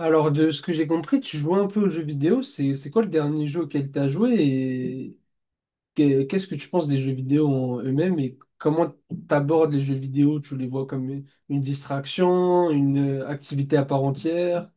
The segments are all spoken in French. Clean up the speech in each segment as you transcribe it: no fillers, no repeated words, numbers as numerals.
Alors, de ce que j'ai compris, tu joues un peu aux jeux vidéo. C'est quoi le dernier jeu auquel tu as joué et qu'est-ce que tu penses des jeux vidéo en eux-mêmes et comment t'abordes les jeux vidéo? Tu les vois comme une distraction, une activité à part entière?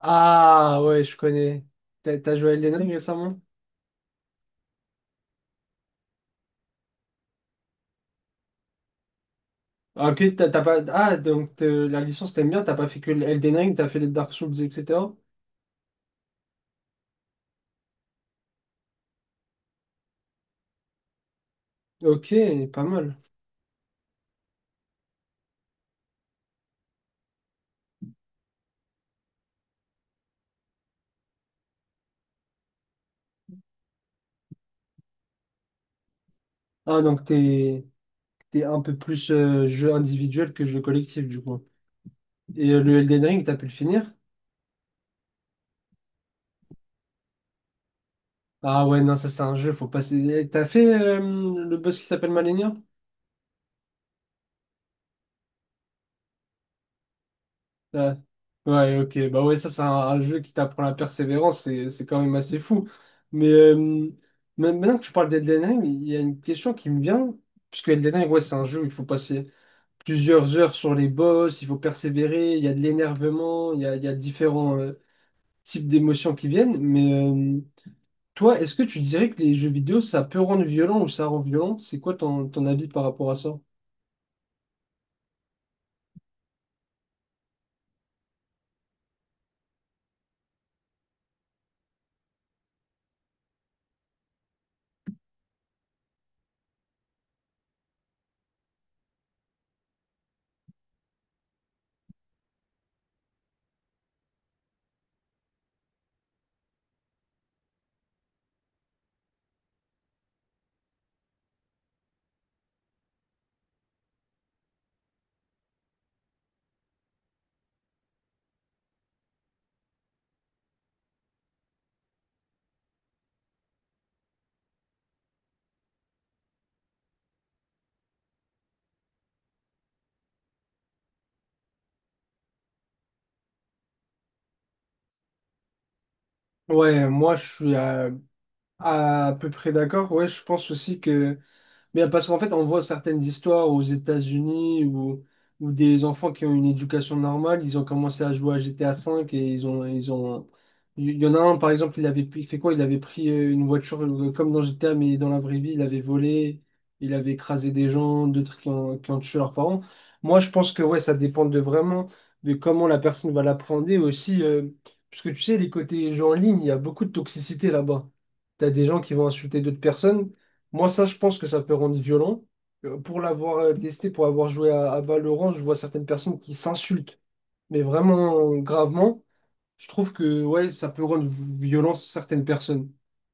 Ah ouais, je connais. T'as joué à Elden Ring récemment? Ah, ok, t'as pas. Ah, donc la licence t'aimes bien, t'as pas fait que le Elden Ring, t'as fait les Dark Souls, etc. Ok, pas mal. Ah, donc t'es un peu plus jeu individuel que jeu collectif, du coup. Et le Elden Ring, t'as pu le finir? Ah ouais, non, ça c'est un jeu, faut passer. T'as fait euh, le boss qui s'appelle Malenia? Ouais. Ouais, ok, bah ouais, ça c'est un jeu qui t'apprend la persévérance, c'est quand même assez fou. Mais maintenant que tu parles d'Elden Ring, il y a une question qui me vient, puisque Elden Ring, ouais, c'est un jeu où il faut passer plusieurs heures sur les boss, il faut persévérer, il y a de l'énervement, il y a différents types d'émotions qui viennent, mais toi, est-ce que tu dirais que les jeux vidéo, ça peut rendre violent ou ça rend violent? C'est quoi ton avis par rapport à ça? Ouais, moi je suis à peu près d'accord. Ouais, je pense aussi que mais parce qu'en fait, on voit certaines histoires aux États-Unis où des enfants qui ont une éducation normale, ils ont commencé à jouer à GTA V et ils ont. Il y en a un, par exemple, il fait quoi? Il avait pris une voiture comme dans GTA, mais dans la vraie vie, il avait volé, il avait écrasé des gens, d'autres qui ont tué leurs parents. Moi, je pense que ouais, ça dépend de vraiment de comment la personne va l'appréhender aussi. Parce que tu sais, les côtés jeux en ligne, il y a beaucoup de toxicité là-bas. T'as des gens qui vont insulter d'autres personnes. Moi, ça, je pense que ça peut rendre violent. Pour l'avoir testé, pour avoir joué à Valorant, je vois certaines personnes qui s'insultent, mais vraiment gravement. Je trouve que ouais, ça peut rendre violent certaines personnes.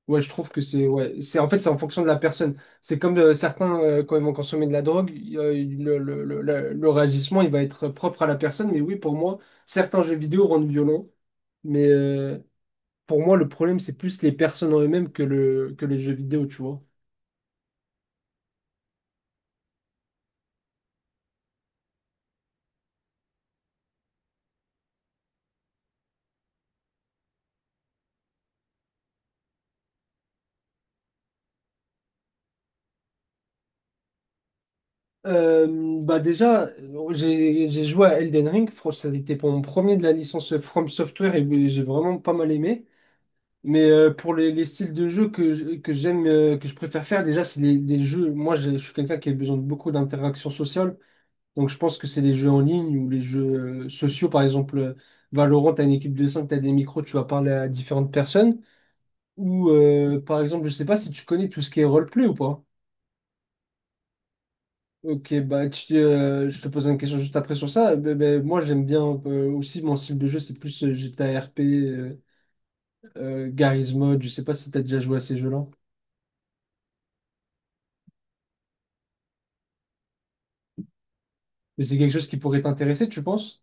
Ouais, je trouve que c'est ouais, c'est en fait c'est en fonction de la personne. C'est comme certains quand ils vont consommer de la drogue, le réagissement il va être propre à la personne. Mais oui, pour moi, certains jeux vidéo rendent violent, mais pour moi le problème c'est plus les personnes en eux-mêmes que le que les jeux vidéo, tu vois. Bah déjà, j'ai joué à Elden Ring. Franchement, ça a été pour mon premier de la licence From Software et j'ai vraiment pas mal aimé. Mais pour les styles de jeu que j'aime, que je préfère faire, déjà, c'est les jeux. Moi, je suis quelqu'un qui a besoin de beaucoup d'interactions sociales. Donc, je pense que c'est les jeux en ligne ou les jeux sociaux. Par exemple, Valorant, t'as une équipe de cinq, t'as des micros, tu vas parler à différentes personnes. Ou, par exemple, je sais pas si tu connais tout ce qui est roleplay ou pas. Ok, bah je te pose une question juste après sur ça. Ben, ben, moi, j'aime bien aussi mon style de jeu, c'est plus GTA RP, Garry's Mod. Je sais pas si tu as déjà joué à ces jeux-là, mais c'est quelque chose qui pourrait t'intéresser, tu penses?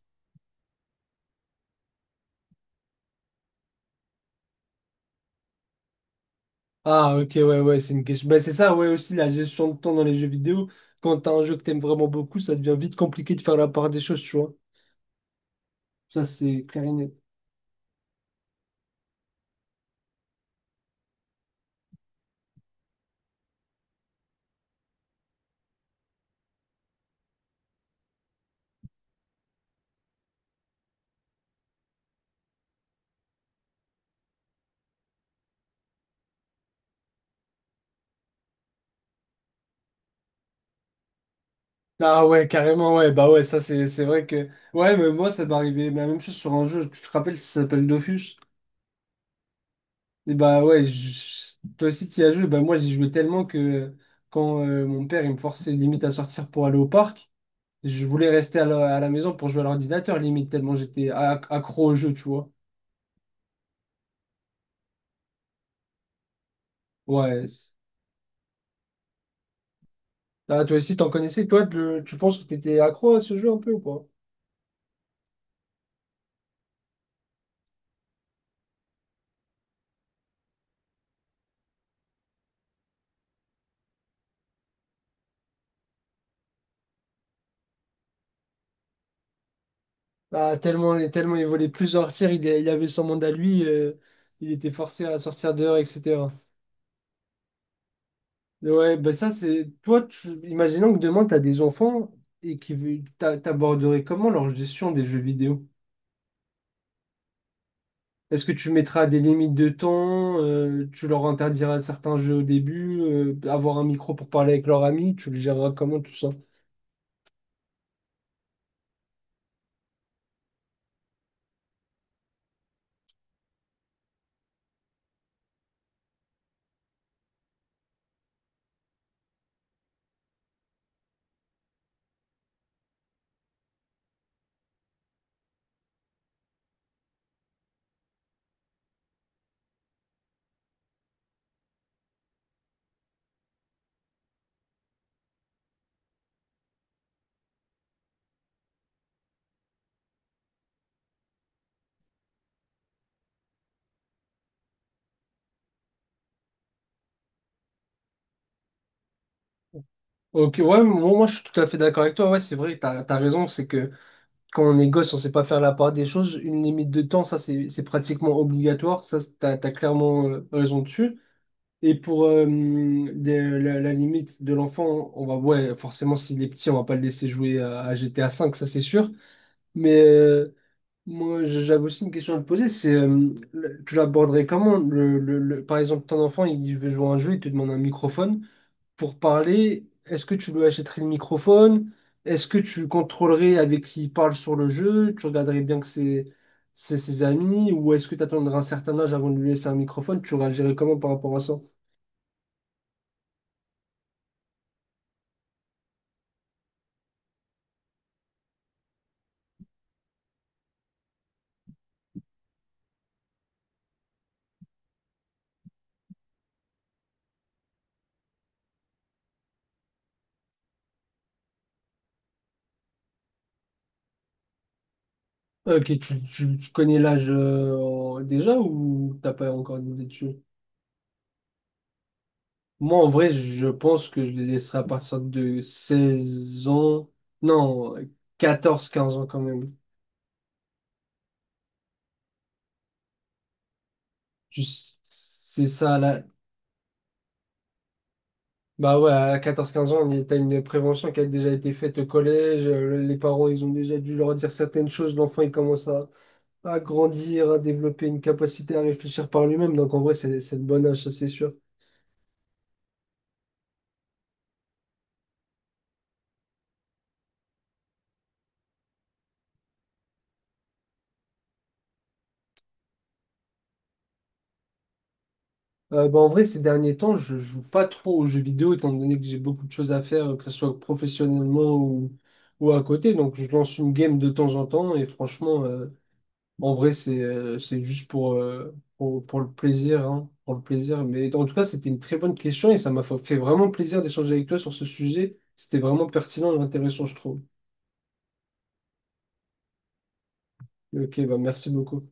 Ah, ok, ouais, ouais, c'est une question. Bah, c'est ça, ouais, aussi la gestion de temps dans les jeux vidéo. Quand t'as un jeu que t'aimes vraiment beaucoup, ça devient vite compliqué de faire la part des choses, tu vois. Ça, c'est clarinette. Ah ouais, carrément, ouais. Bah ouais, ça, c'est vrai que. Ouais, mais moi, ça m'est arrivé la même chose sur un jeu. Tu te rappelles, ça s'appelle Dofus? Et bah ouais, toi aussi tu y as joué. Bah moi j'y jouais tellement que quand mon père il me forçait limite à sortir pour aller au parc. Je voulais rester à la maison pour jouer à l'ordinateur, limite, tellement j'étais accro au jeu, tu vois. Ouais. Ah, toi aussi, t'en connaissais, toi, tu penses que t'étais accro à ce jeu un peu ou pas? Ah, tellement, tellement il voulait plus sortir, il avait son monde à lui, il était forcé à sortir dehors, etc. Ouais, ben ça, c'est. Toi, tu. Imaginons que demain, t'as des enfants et qui t'aborderais comment leur gestion des jeux vidéo? Est-ce que tu mettras des limites de temps? Tu leur interdiras certains jeux au début? Avoir un micro pour parler avec leurs amis? Tu le géreras comment tout ça? Ok, ouais, moi je suis tout à fait d'accord avec toi. Ouais, c'est vrai, t'as raison. C'est que quand on est gosse, on sait pas faire la part des choses. Une limite de temps, ça, c'est pratiquement obligatoire. Ça, t'as clairement raison dessus. Et pour la limite de l'enfant, on va, ouais, forcément, s'il est petit, on va pas le laisser jouer à GTA 5, ça, c'est sûr. Mais. Moi, j'avais aussi une question à te poser. C'est tu l'aborderais comment Par exemple, ton enfant, il veut jouer à un jeu, il te demande un microphone pour parler. Est-ce que tu lui achèterais le microphone? Est-ce que tu contrôlerais avec qui il parle sur le jeu? Tu regarderais bien que c'est ses amis? Ou est-ce que tu attendrais un certain âge avant de lui laisser un microphone? Tu réagirais comment par rapport à ça? Ok, tu connais l'âge déjà ou t'as pas encore d'idée dessus? Moi, en vrai, je pense que je les laisserai à partir de 16 ans. Non, 14 15 ans quand même. Juste, c'est ça, là. Bah ouais, à 14 15 ans, t'as une prévention qui a déjà été faite au collège. Les parents, ils ont déjà dû leur dire certaines choses. L'enfant, il commence à grandir, à développer une capacité à réfléchir par lui-même. Donc, en vrai, c'est le bon âge, ça, c'est sûr. Bah, en vrai, ces derniers temps, je joue pas trop aux jeux vidéo, étant donné que j'ai beaucoup de choses à faire, que ce soit professionnellement ou à côté. Donc, je lance une game de temps en temps, et franchement, en vrai, c'est juste pour le plaisir, hein, pour le plaisir. Mais en tout cas, c'était une très bonne question et ça m'a fait vraiment plaisir d'échanger avec toi sur ce sujet. C'était vraiment pertinent et intéressant, je trouve. Ok, bah merci beaucoup.